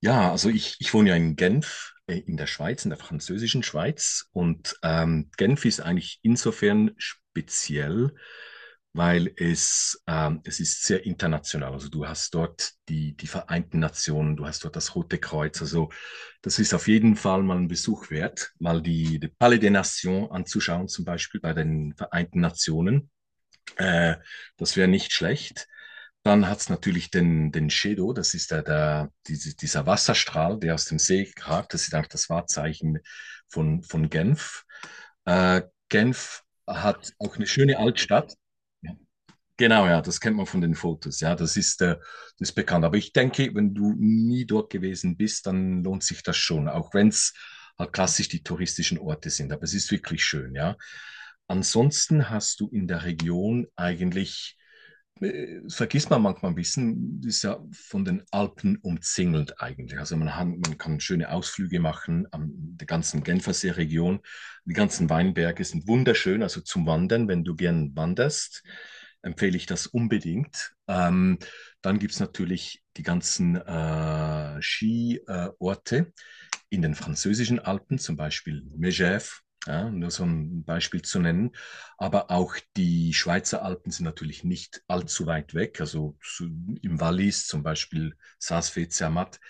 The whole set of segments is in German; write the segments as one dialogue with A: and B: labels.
A: Ja, also ich wohne ja in Genf, in der Schweiz, in der französischen Schweiz. Und Genf ist eigentlich insofern speziell, weil es ist sehr international. Also du hast dort die Vereinten Nationen, du hast dort das Rote Kreuz. Also das ist auf jeden Fall mal ein Besuch wert, mal die Palais des Nations anzuschauen, zum Beispiel bei den Vereinten Nationen. Äh, Das wäre nicht schlecht. Dann hat's natürlich den Shedo, das ist dieser Wasserstrahl, der aus dem See ragt. Das ist eigentlich das Wahrzeichen von Genf. Äh, Genf hat auch eine schöne Altstadt. Ja, genau, ja, das kennt man von den Fotos. Ja, das ist bekannt. Aber ich denke, wenn du nie dort gewesen bist, dann lohnt sich das schon, auch wenn es halt klassisch die touristischen Orte sind. Aber es ist wirklich schön, ja. Ansonsten hast du in der Region eigentlich vergisst man manchmal ein bisschen, ist ja von den Alpen umzingelt eigentlich. Also man kann schöne Ausflüge machen an der ganzen Genfersee-Region. Die ganzen Weinberge sind wunderschön, also zum Wandern, wenn du gern wanderst, empfehle ich das unbedingt. Dann gibt es natürlich die ganzen Skiorte. In den französischen Alpen, zum Beispiel Megève, ja, nur so ein Beispiel zu nennen. Aber auch die Schweizer Alpen sind natürlich nicht allzu weit weg. Also im Wallis, zum Beispiel Saas-Fee-Zermatt,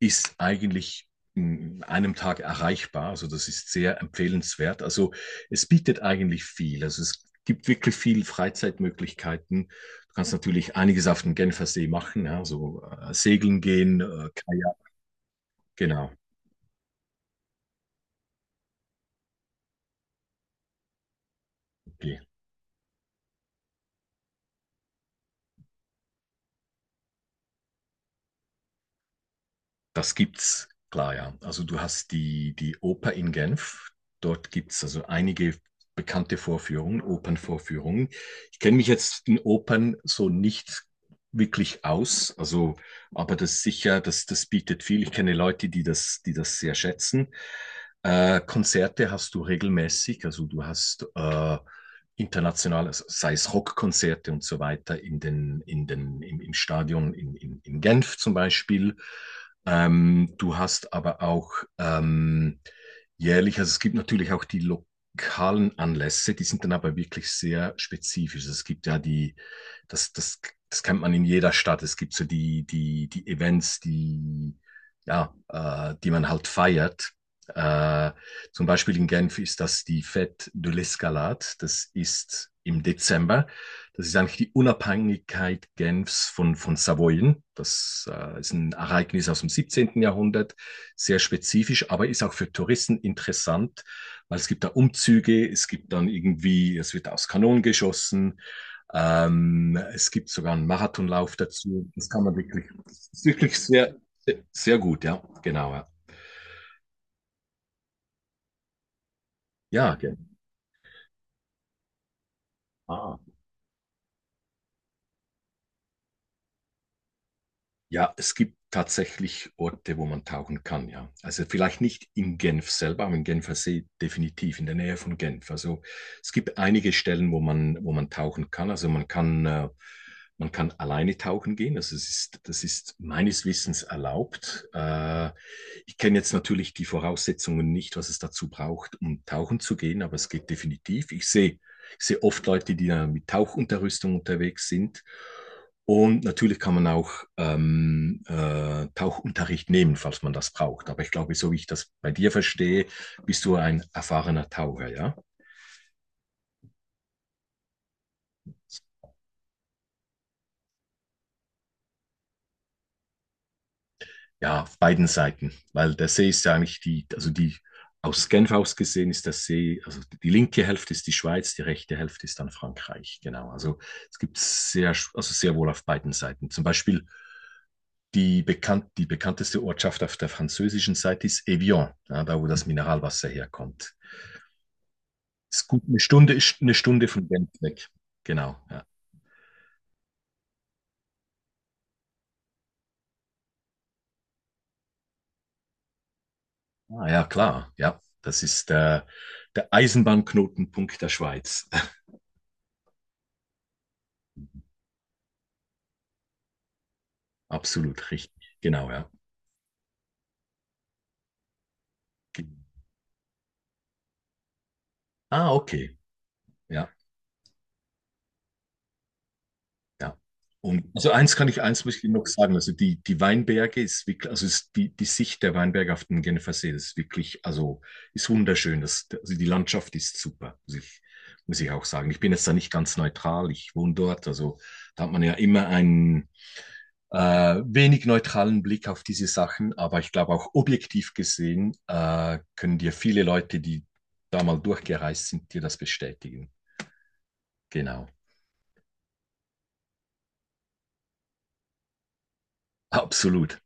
A: ist eigentlich in einem Tag erreichbar. Also das ist sehr empfehlenswert. Also es bietet eigentlich viel. Also es gibt wirklich viel Freizeitmöglichkeiten. Du kannst natürlich einiges auf dem Genfersee machen, ja, so segeln gehen, Kajak, genau. Okay. Das gibt's, klar, ja. Also du hast die Oper in Genf. Dort gibt es also einige bekannte Vorführungen, Opernvorführungen. Ich kenne mich jetzt in Opern so nicht wirklich aus, also, aber das sicher, das bietet viel. Ich kenne Leute, die das sehr schätzen. Konzerte hast du regelmäßig, also du hast international, sei es Rockkonzerte und so weiter, im Stadion in Genf zum Beispiel. Du hast aber auch ähm, jährlich, also es gibt natürlich auch die lokalen Anlässe, die sind dann aber wirklich sehr spezifisch. Es gibt ja das, das, das kennt man in jeder Stadt. Es gibt so die Events, ja, die man halt feiert. Äh, Zum Beispiel in Genf ist das die Fête de l'Escalade. Das ist im Dezember. Das ist eigentlich die Unabhängigkeit Genfs von Savoyen. Das ist ein Ereignis aus dem 17. Jahrhundert, sehr spezifisch, aber ist auch für Touristen interessant, weil es gibt da Umzüge, es gibt dann irgendwie, es wird aus Kanonen geschossen, es gibt sogar einen Marathonlauf dazu. Das kann man wirklich, das ist wirklich sehr, sehr gut, ja, genau. Ja, ja Genf. Ah. Ja, es gibt tatsächlich Orte, wo man tauchen kann, ja. Also vielleicht nicht in Genf selber, aber im Genfer See definitiv, in der Nähe von Genf. Also es gibt einige Stellen, wo man tauchen kann. Also man kann alleine tauchen gehen. Also es ist, das ist meines Wissens erlaubt. Ich kenne jetzt natürlich die Voraussetzungen nicht, was es dazu braucht, um tauchen zu gehen, aber es geht definitiv. Ich sehe oft Leute, die da mit Tauchunterrüstung unterwegs sind. Und natürlich kann man auch Tauchunterricht nehmen, falls man das braucht. Aber ich glaube, so wie ich das bei dir verstehe, bist du ein erfahrener Taucher, ja? Ja, auf beiden Seiten. Weil der See ist ja eigentlich aus Genf aus gesehen ist der See, also die linke Hälfte ist die Schweiz, die rechte Hälfte ist dann Frankreich. Genau. Also es gibt sehr, also sehr wohl auf beiden Seiten. Zum Beispiel die bekannteste Ortschaft auf der französischen Seite ist Evian, ja, da wo das Mineralwasser herkommt. Ist gut, eine Stunde ist eine Stunde von Genf weg. Genau, ja. Ah, ja, klar, ja. Das ist der Eisenbahnknotenpunkt der Schweiz. Absolut richtig, genau, ja. Ge- Ah, okay, ja, ja. Und also eins muss ich noch sagen, also die Weinberge ist wirklich, also ist die Sicht der Weinberge auf den Genfersee ist wirklich, also ist wunderschön. Das, also die Landschaft ist super, muss ich auch sagen. Ich bin jetzt da nicht ganz neutral, ich wohne dort, also da hat man ja immer einen wenig neutralen Blick auf diese Sachen, aber ich glaube auch objektiv gesehen können dir viele Leute, die da mal durchgereist sind, dir das bestätigen. Genau, absolut.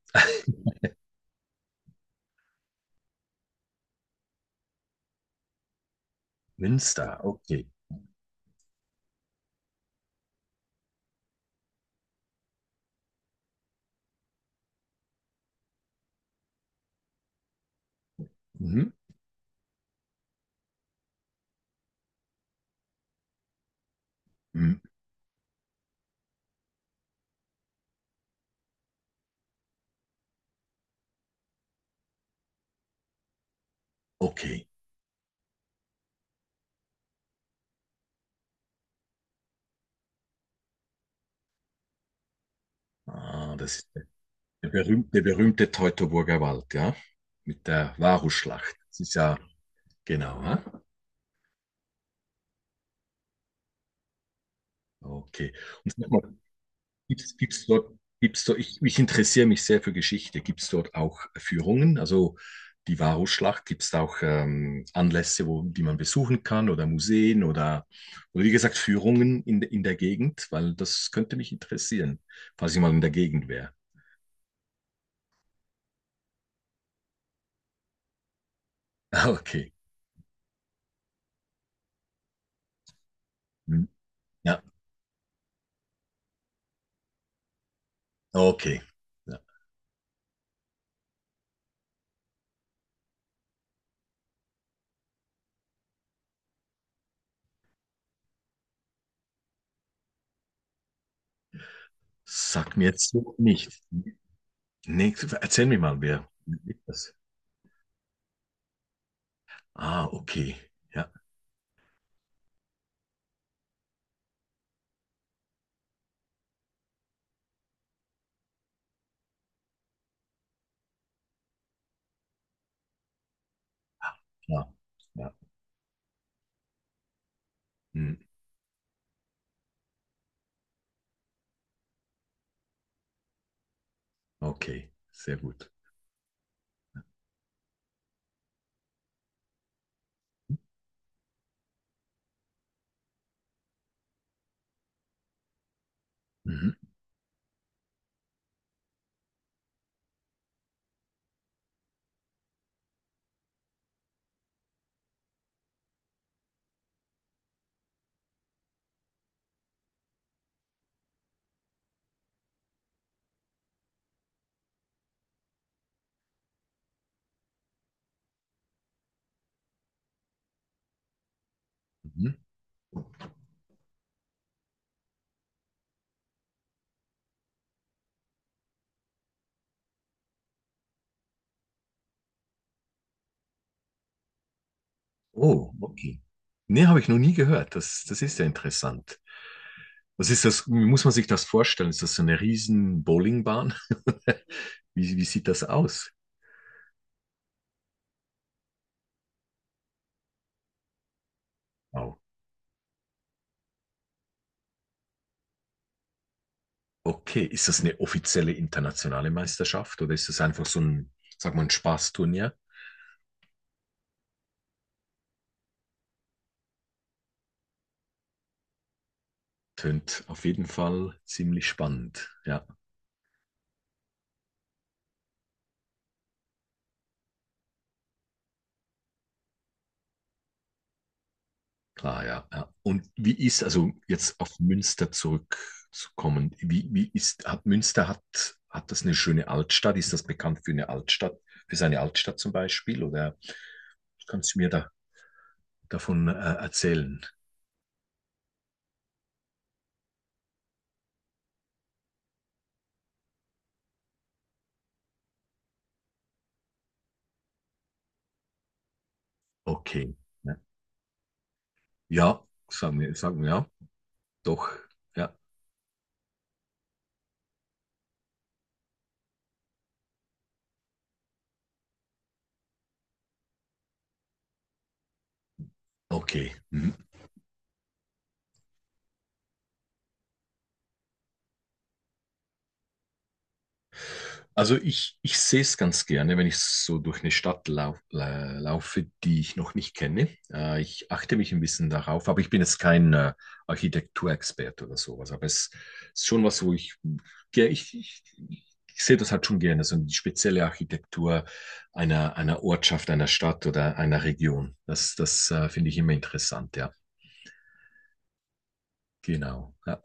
A: Münster, okay. Mhm. Mhm. Okay. Ah, das ist der berühmte Teutoburger Wald, ja? Mit der Varusschlacht. Das ist ja, genau, ja? Okay. Und sag mal, gibt's dort, ich interessiere mich sehr für Geschichte. Gibt es dort auch Führungen? Also die Varusschlacht, gibt es da auch Anlässe, wo, die man besuchen kann oder Museen oder wie gesagt Führungen in der Gegend? Weil das könnte mich interessieren, falls ich mal in der Gegend wäre. Ah, okay. Hm. Ja, okay. Ja. Sag mir jetzt so nicht. Nee, erzähl mir mal, wer ist das? Ah, okay. Ja, klar. Ja. Hm. Okay, sehr gut. Mhm. Mhm. Oh, okay. Nee, habe ich noch nie gehört. Das ist ja interessant. Was ist das? Wie muss man sich das vorstellen? Ist das so eine riesen Bowlingbahn? Wie sieht das aus? Wow. Okay, ist das eine offizielle internationale Meisterschaft oder ist das einfach so ein, sag mal, ein Spaßturnier? Tönt auf jeden Fall ziemlich spannend. Ja. Klar, ja, ja. Und also jetzt auf Münster zurückzukommen, hat Münster hat das eine schöne Altstadt? Ist das bekannt für eine Altstadt, für seine Altstadt zum Beispiel? Oder kannst du mir da, davon erzählen? Okay. Ja, ja, sagen wir, ja, doch, ja, okay. Mhm. Also ich sehe es ganz gerne, wenn ich so durch eine Stadt laufe, die ich noch nicht kenne. Ich achte mich ein bisschen darauf, aber ich bin jetzt kein Architekturexperte oder sowas. Aber es ist schon was, wo ich, ge- ich sehe das halt schon gerne, so die spezielle Architektur einer Ortschaft, einer Stadt oder einer Region. Das finde ich immer interessant, ja. Genau. Ja.